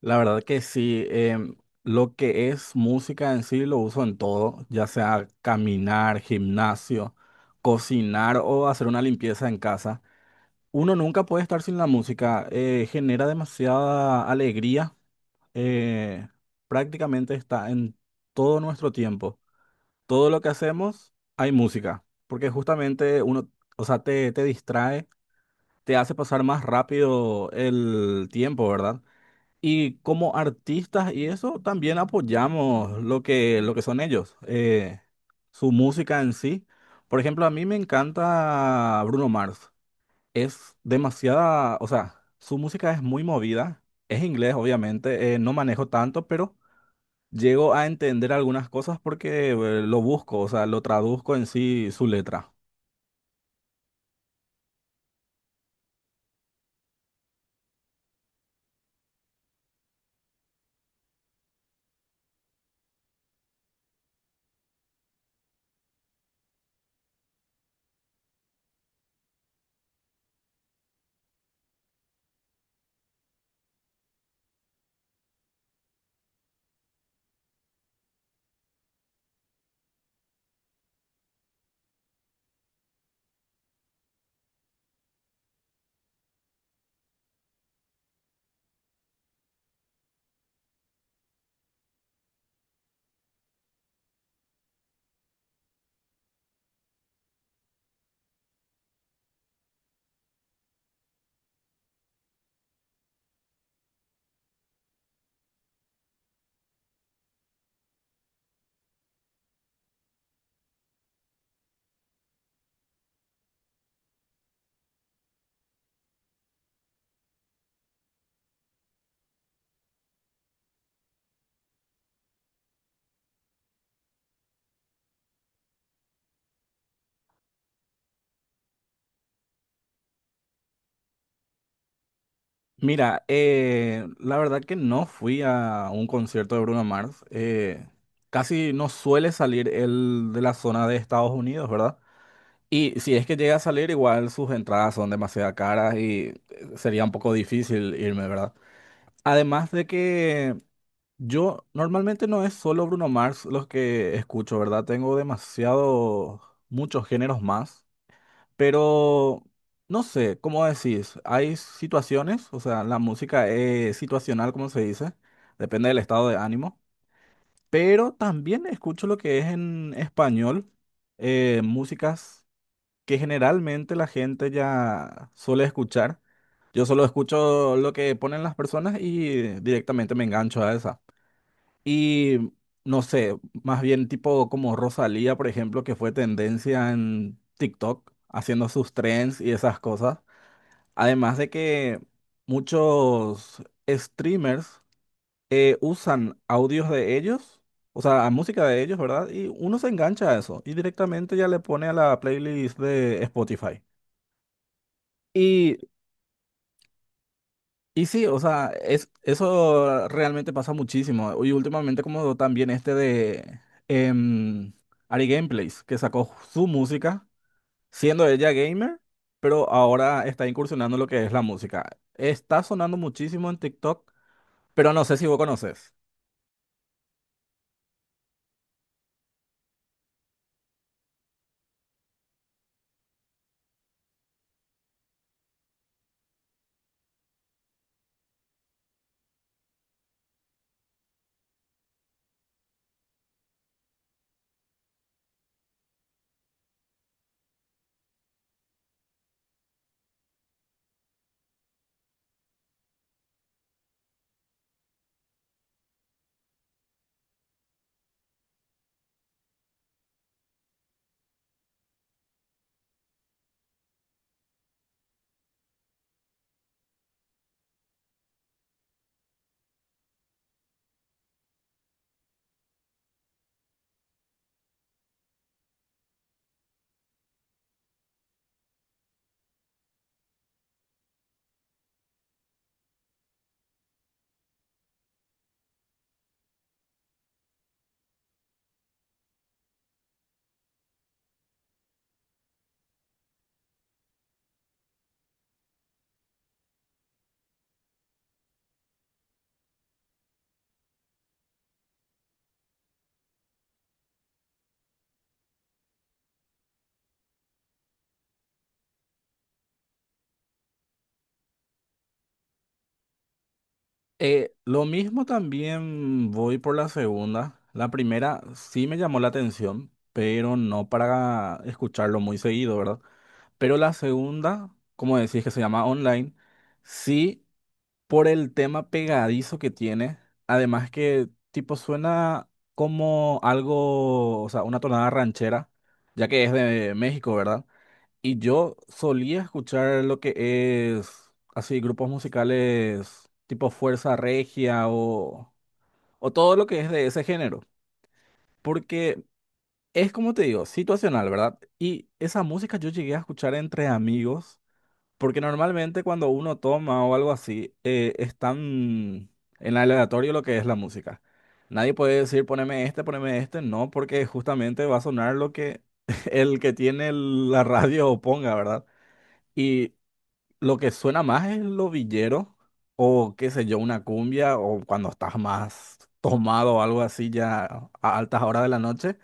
La verdad que sí, lo que es música en sí lo uso en todo, ya sea caminar, gimnasio, cocinar o hacer una limpieza en casa. Uno nunca puede estar sin la música, genera demasiada alegría, eh, prácticamente está en todo nuestro tiempo. Todo lo que hacemos hay música, porque justamente uno, o sea, te distrae, te hace pasar más rápido el tiempo, ¿verdad? Y como artistas y eso, también apoyamos lo que son ellos, su música en sí. Por ejemplo, a mí me encanta Bruno Mars. Es demasiada, o sea, su música es muy movida. Es inglés, obviamente, no manejo tanto, pero llego a entender algunas cosas porque lo busco, o sea, lo traduzco en sí su letra. Mira, la verdad que no fui a un concierto de Bruno Mars. Casi no suele salir él de la zona de Estados Unidos, ¿verdad? Y si es que llega a salir, igual sus entradas son demasiado caras y sería un poco difícil irme, ¿verdad? Además de que yo normalmente no es solo Bruno Mars los que escucho, ¿verdad? Tengo demasiado, muchos géneros más. Pero no sé, ¿cómo decís? Hay situaciones, o sea, la música es situacional, como se dice, depende del estado de ánimo, pero también escucho lo que es en español, músicas que generalmente la gente ya suele escuchar. Yo solo escucho lo que ponen las personas y directamente me engancho a esa. Y no sé, más bien tipo como Rosalía, por ejemplo, que fue tendencia en TikTok, haciendo sus trends y esas cosas. Además de que muchos streamers usan audios de ellos, o sea, música de ellos, ¿verdad? Y uno se engancha a eso y directamente ya le pone a la playlist de Spotify. Y Y sí, o sea, es, eso realmente pasa muchísimo. Y últimamente como también este de em, Ari Gameplays, que sacó su música, siendo ella gamer, pero ahora está incursionando en lo que es la música. Está sonando muchísimo en TikTok, pero no sé si vos conoces. Lo mismo también voy por la segunda. La primera sí me llamó la atención, pero no para escucharlo muy seguido, ¿verdad? Pero la segunda, como decís que se llama online, sí por el tema pegadizo que tiene, además que tipo suena como algo, o sea, una tonada ranchera, ya que es de México, ¿verdad? Y yo solía escuchar lo que es así grupos musicales tipo Fuerza Regia o todo lo que es de ese género, porque es como te digo, situacional, ¿verdad? Y esa música yo llegué a escuchar entre amigos porque normalmente cuando uno toma o algo así, es tan en aleatorio lo que es la música. Nadie puede decir poneme este, no, porque justamente va a sonar lo que el que tiene el- la radio ponga, ¿verdad? Y lo que suena más es lo villero o qué sé yo, una cumbia o cuando estás más tomado o algo así ya a altas horas de la noche,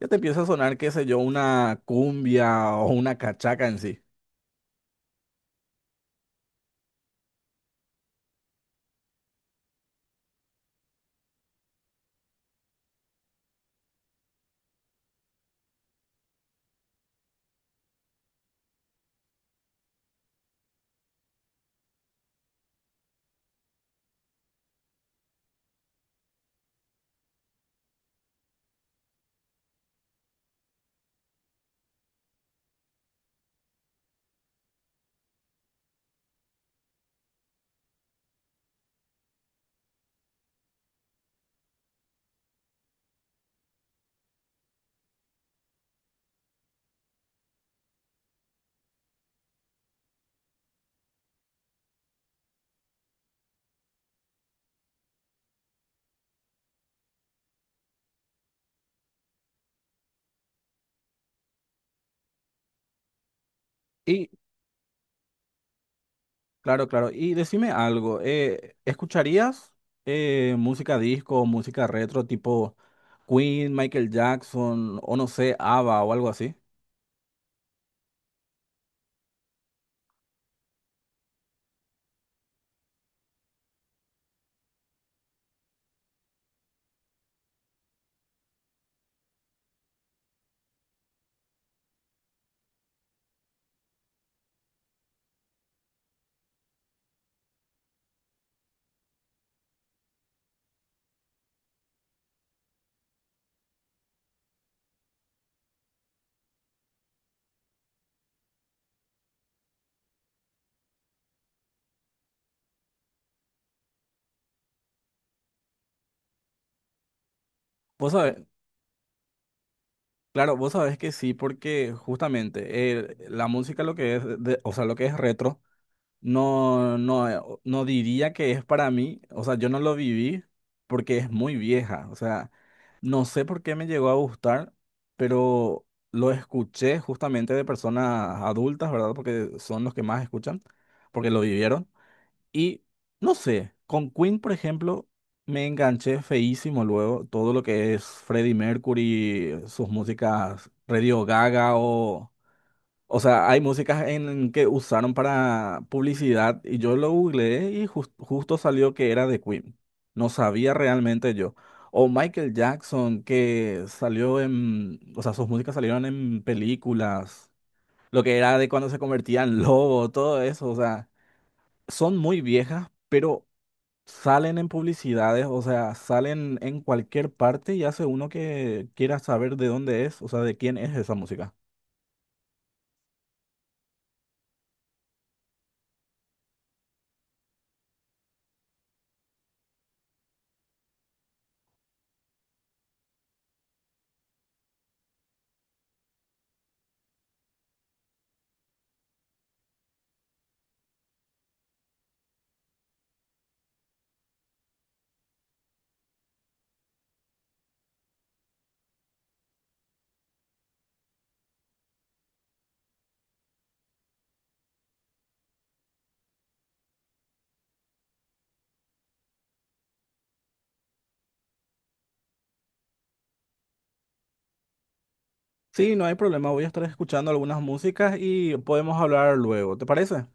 ya te empieza a sonar, qué sé yo, una cumbia o una cachaca en sí. Claro, claro. Y decime algo, ¿escucharías música disco, música retro tipo Queen, Michael Jackson o no sé, ABBA o algo así? Vos sabés, claro, vos sabés que sí, porque justamente la música lo que es, o sea, lo que es retro. No diría que es para mí, o sea, yo no lo viví porque es muy vieja, o sea, no sé por qué me llegó a gustar, pero lo escuché justamente de personas adultas, ¿verdad? Porque son los que más escuchan, porque lo vivieron. Y no sé, con Queen, por ejemplo, me enganché feísimo luego, todo lo que es Freddie Mercury, sus músicas, Radio Gaga o... O sea, hay músicas en que usaron para publicidad y yo lo googleé y justo salió que era de Queen. No sabía realmente yo. O Michael Jackson, que salió en, o sea, sus músicas salieron en películas, lo que era de cuando se convertía en lobo, todo eso. O sea, son muy viejas, pero salen en publicidades, o sea, salen en cualquier parte y hace uno que quiera saber de dónde es, o sea, de quién es esa música. Sí, no hay problema. Voy a estar escuchando algunas músicas y podemos hablar luego. ¿Te parece?